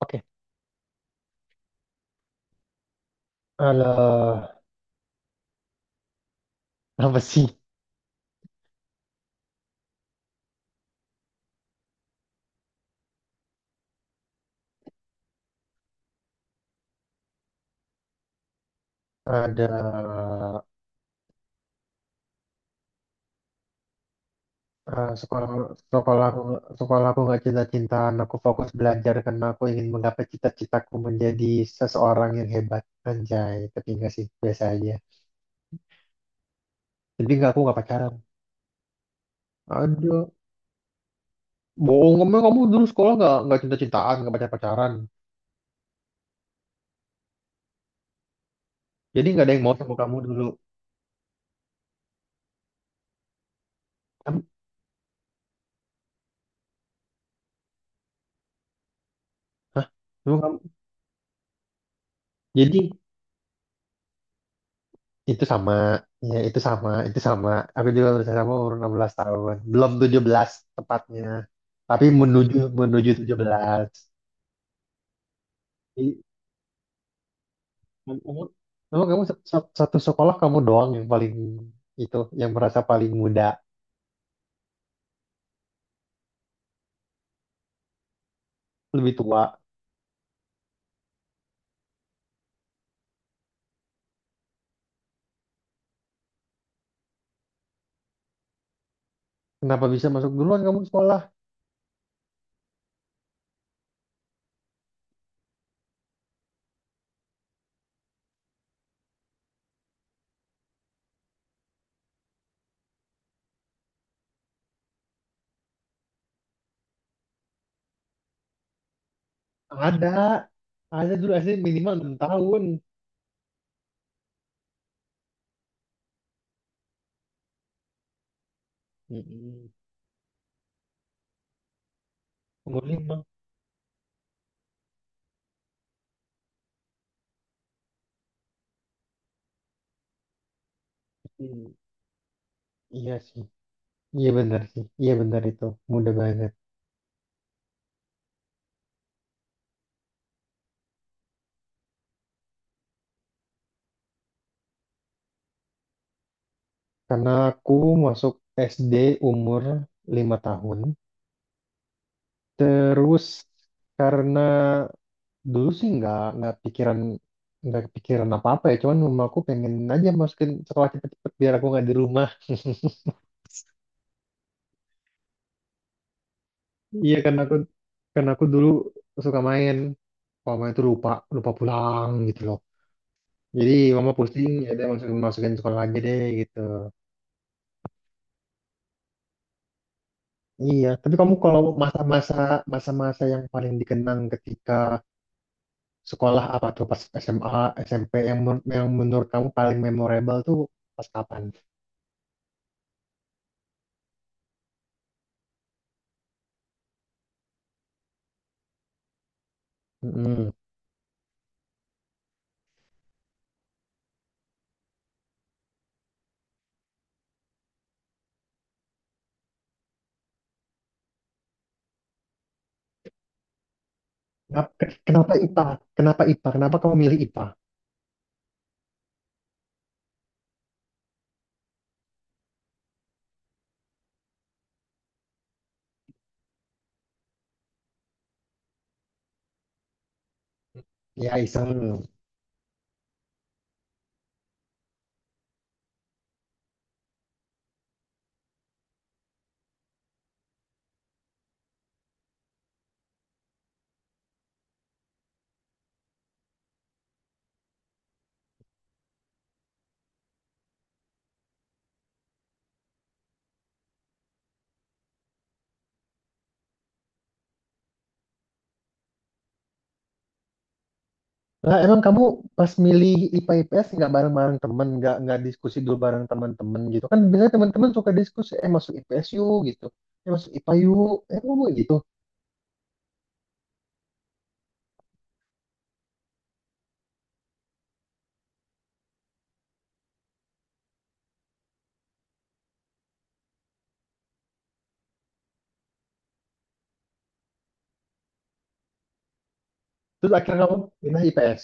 Oke, alah, apa sih? Ada eh, sekolah sekolah aku sekolah aku nggak cinta-cintaan. Aku fokus belajar karena aku ingin menggapai cita-citaku menjadi seseorang yang hebat. Anjay, tapi enggak sih, biasa aja. Tapi enggak, aku nggak pacaran. Aduh, bohong kamu, dulu sekolah nggak cinta-cintaan, nggak pacar pacaran. Jadi nggak ada yang mau sama kamu dulu. Kamu, hah? Emang kamu- Jadi itu sama, ya itu sama, itu sama. Aku juga berusaha sama umur 16 tahun. Belum 17 tepatnya. Tapi menuju menuju 17. I- kamu emang kamu sa- sa- Satu sekolah kamu doang yang paling itu, yang merasa paling muda, lebih tua. Kenapa bisa masuk duluan kamu sekolah? Ada. Ada dulu SD minimal 6 tahun. Mm-mm. Umur 5. Mm, iya sih. Iya benar sih. Iya benar itu. Muda banget. Karena aku masuk SD umur 5 tahun. Terus karena dulu sih nggak kepikiran apa-apa ya. Cuman mama aku pengen aja masukin sekolah cepet-cepet biar aku nggak di rumah. Iya karena aku, dulu suka main. Mama itu lupa lupa pulang gitu loh. Jadi mama pusing, ya udah masukin masukin sekolah aja deh gitu. Iya, tapi kamu kalau masa-masa yang paling dikenang ketika sekolah apa tuh, pas SMA, SMP, yang menurut kamu paling memorable tuh pas kapan? Mm-mm. Kenapa, kenapa IPA? Kenapa IPA? Kenapa kamu milih IPA? Ya iseng. Lah emang kamu pas milih IPA IPS nggak bareng-bareng temen, nggak diskusi dulu bareng teman-teman gitu kan? Biasanya teman-teman suka diskusi, eh masuk IPS yuk gitu, eh masuk IPA yuk, eh kamu gitu. Terus akhirnya kamu pindah IPS.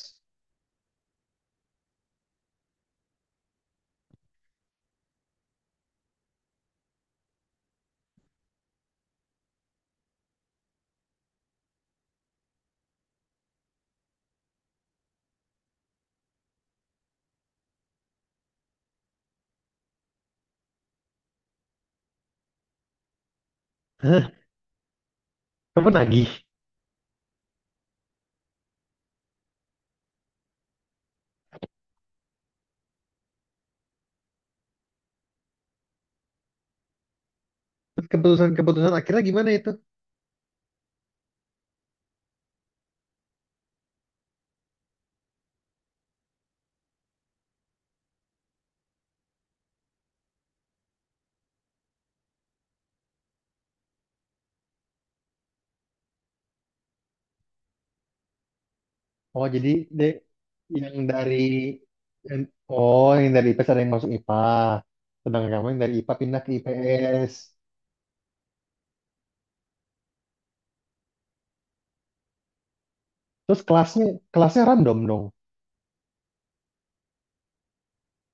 Kamu nagih. Terus keputusan-keputusan akhirnya gimana itu? Oh, jadi de, yang dari yang- oh, yang dari IPS ada yang masuk IPA. Sedangkan kamu yang dari IPA pindah ke IPS. Terus kelasnya kelasnya random dong.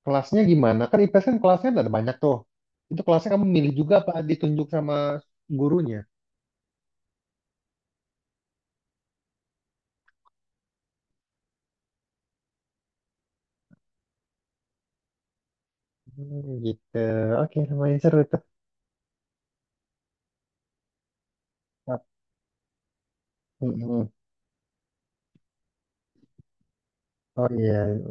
Kelasnya gimana? Kan IPS kan kelasnya ada banyak tuh. Itu kelasnya kamu milih juga apa ditunjuk sama gurunya? Hmm, gitu. Oke, lumayan seru tuh. Mm-mm. Oh iya.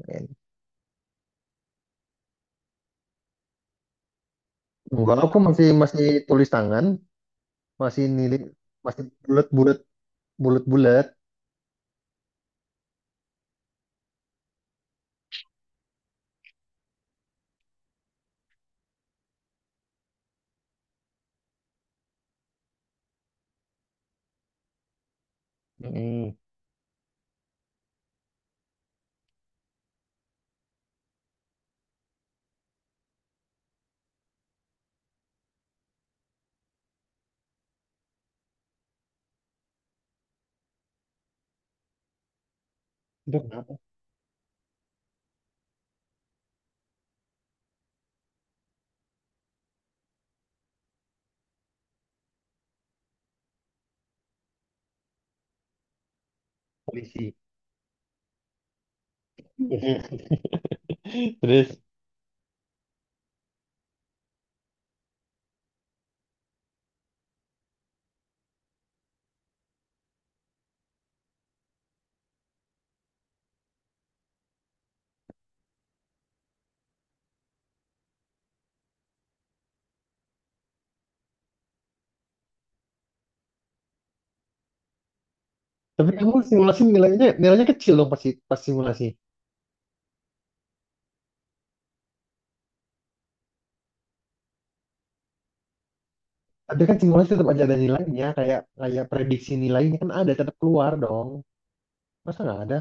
Enggak, aku masih masih tulis tangan, masih nilai, masih bulat bulat. Mm-mm. Itu kenapa? Polisi. Terus, tapi kamu simulasi nilainya nilainya kecil dong pasti pas simulasi. Tapi kan simulasi tetap aja ada nilainya, kayak kayak prediksi nilainya kan ada, tetap keluar dong. Masa nggak ada?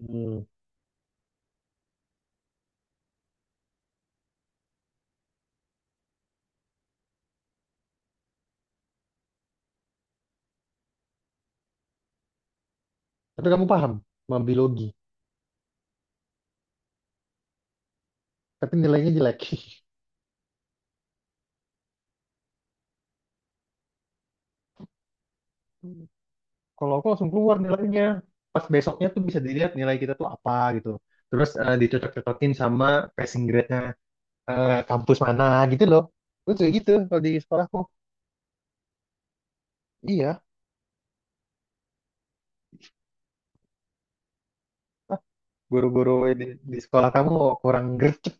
Hmm. Tapi kamu paham sama biologi, tapi nilainya jelek. Kalau aku langsung keluar nilainya. Pas besoknya tuh bisa dilihat nilai kita tuh apa gitu. Terus dicocok-cocokin sama passing grade-nya, kampus mana gitu loh. Terus kayak gitu kalau di sekolahku. Iya. Guru-guru di, di sekolah kamu kurang gercep.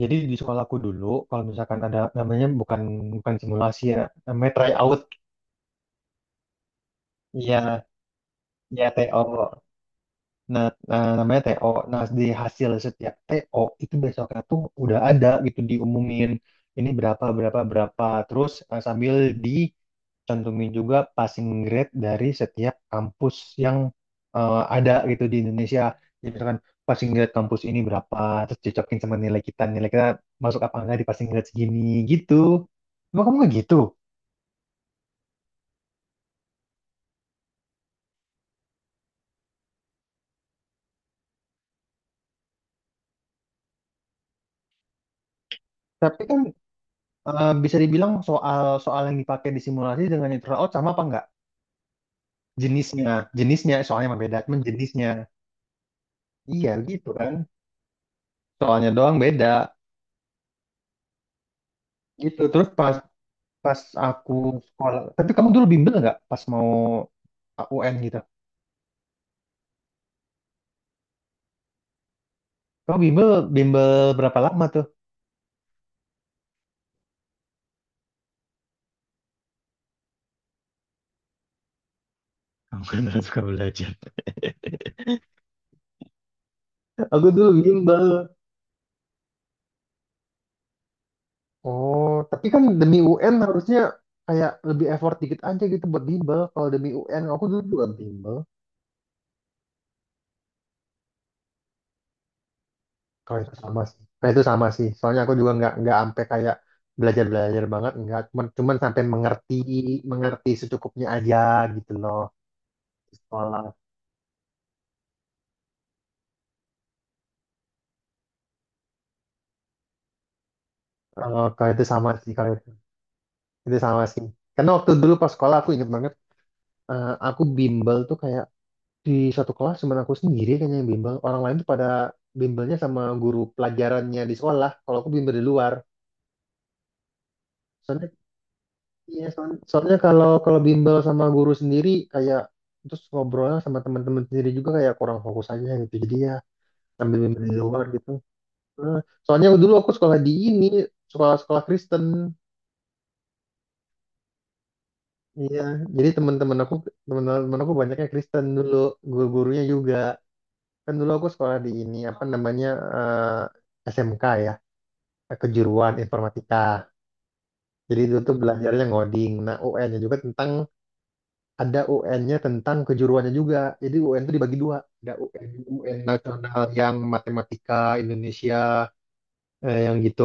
Jadi di sekolahku dulu, kalau misalkan ada namanya bukan, simulasi ya, namanya tryout. Iya, ya TO. Nah, nah, namanya TO. Nah, di hasil setiap TO itu besoknya tuh udah ada gitu diumumin, ini berapa berapa berapa. Terus sambil di cantumin juga passing grade dari setiap kampus yang ada gitu di Indonesia. Jadi misalkan passing grade kampus ini berapa, terus cocokin sama nilai kita masuk apa enggak di passing grade segini gitu. Emang kamu nggak gitu? Tapi kan bisa dibilang soal soal yang dipakai di simulasi dengan yang turnout sama apa enggak? Jenisnya, jenisnya soalnya emang beda, cuman jenisnya. Iya gitu kan. Soalnya doang beda. Gitu. Terus pas pas aku sekolah, tapi kamu dulu bimbel nggak pas mau UN gitu? Kamu bimbel bimbel berapa lama tuh? Aku kan harus suka belajar. Aku dulu bimbel. Oh, tapi kan demi UN harusnya kayak lebih effort dikit aja gitu buat bimbel. Kalau demi UN, aku dulu juga bimbel. Kalau itu sama sih. Kalau itu sama sih. Soalnya aku juga nggak sampai kayak belajar-belajar banget, nggak. Cuman cuman sampai mengerti mengerti secukupnya aja gitu loh di sekolah. Kalau kalau itu sama sih. Kalau itu. Itu sama sih. Karena waktu dulu pas sekolah aku inget banget, aku bimbel tuh kayak di satu kelas cuma aku sendiri kayaknya yang bimbel. Orang lain tuh pada bimbelnya sama guru pelajarannya di sekolah. Kalau aku bimbel di luar. Soalnya, iya, soalnya, soalnya kalau kalau bimbel sama guru sendiri kayak terus ngobrolnya sama teman-teman sendiri juga kayak kurang fokus aja gitu. Jadi ya sambil bimbel di luar gitu. Eh, Soalnya dulu aku sekolah di ini, sekolah-sekolah Kristen. Iya, jadi teman-teman aku, banyaknya Kristen dulu, guru-gurunya juga. Kan dulu aku sekolah di ini apa namanya SMK ya, kejuruan informatika. Jadi dulu tuh belajarnya ngoding. Nah, UN-nya juga tentang, ada UN-nya tentang kejuruannya juga. Jadi UN itu dibagi 2. Ada UN nasional yang matematika, Indonesia, yang gitu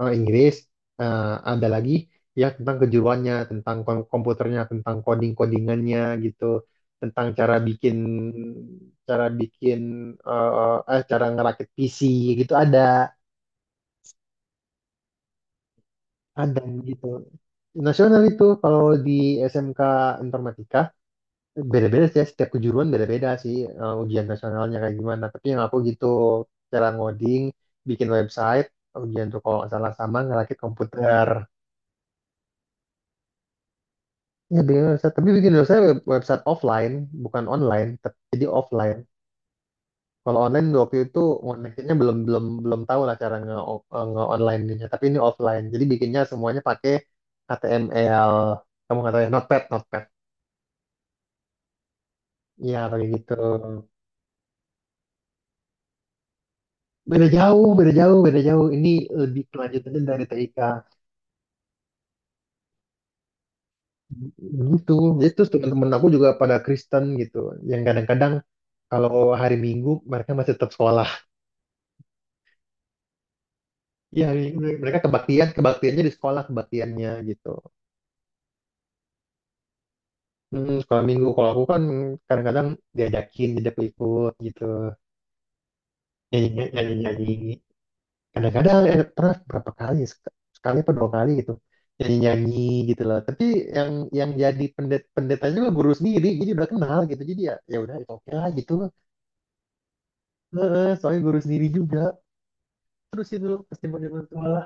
Inggris, eh, ada lagi ya tentang kejuruannya, tentang komputernya, tentang codingannya gitu, tentang cara bikin cara ngerakit PC gitu, ada gitu nasional itu kalau di SMK informatika beda-beda sih ya, setiap kejuruan beda-beda sih, ujian nasionalnya kayak gimana, tapi yang aku gitu cara ngoding, bikin website, ujian tuh kalau nggak salah sama ngerakit komputer. Ya bikin website, tapi bikin website, website offline, bukan online, tapi jadi offline. Kalau online waktu itu connectionnya belum belum belum tahu lah cara nge online ininya. Tapi ini offline. Jadi bikinnya semuanya pakai HTML. Kamu nggak tahu ya, Notepad, Notepad. Iya pakai gitu. Beda jauh, beda jauh, beda jauh. Ini lebih kelanjutannya dari TIK. Gitu. Jadi terus teman-teman aku juga pada Kristen gitu, yang kadang-kadang kalau hari Minggu mereka masih tetap sekolah. Iya, mereka kebaktiannya di sekolah, kebaktiannya gitu. Hmm, sekolah Minggu. Kalau aku kan kadang-kadang diajak ikut gitu, nyanyi nyanyi nyanyi. Kadang-kadang pernah berapa kali, sekali atau 2 kali gitu, nyanyi nyanyi gitu loh. Tapi yang, jadi pendetanya juga guru sendiri, jadi udah kenal gitu. Jadi ya, udah itu oke lah gitu. Heeh, soalnya guru sendiri juga. Terus itu kesimpulan sekolah.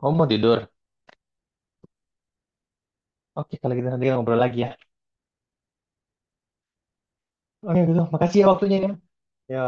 Kamu mau tidur? Oke, kalau gitu nanti kita ngobrol lagi ya. Oke, gitu. Makasih ya waktunya ya. Ya.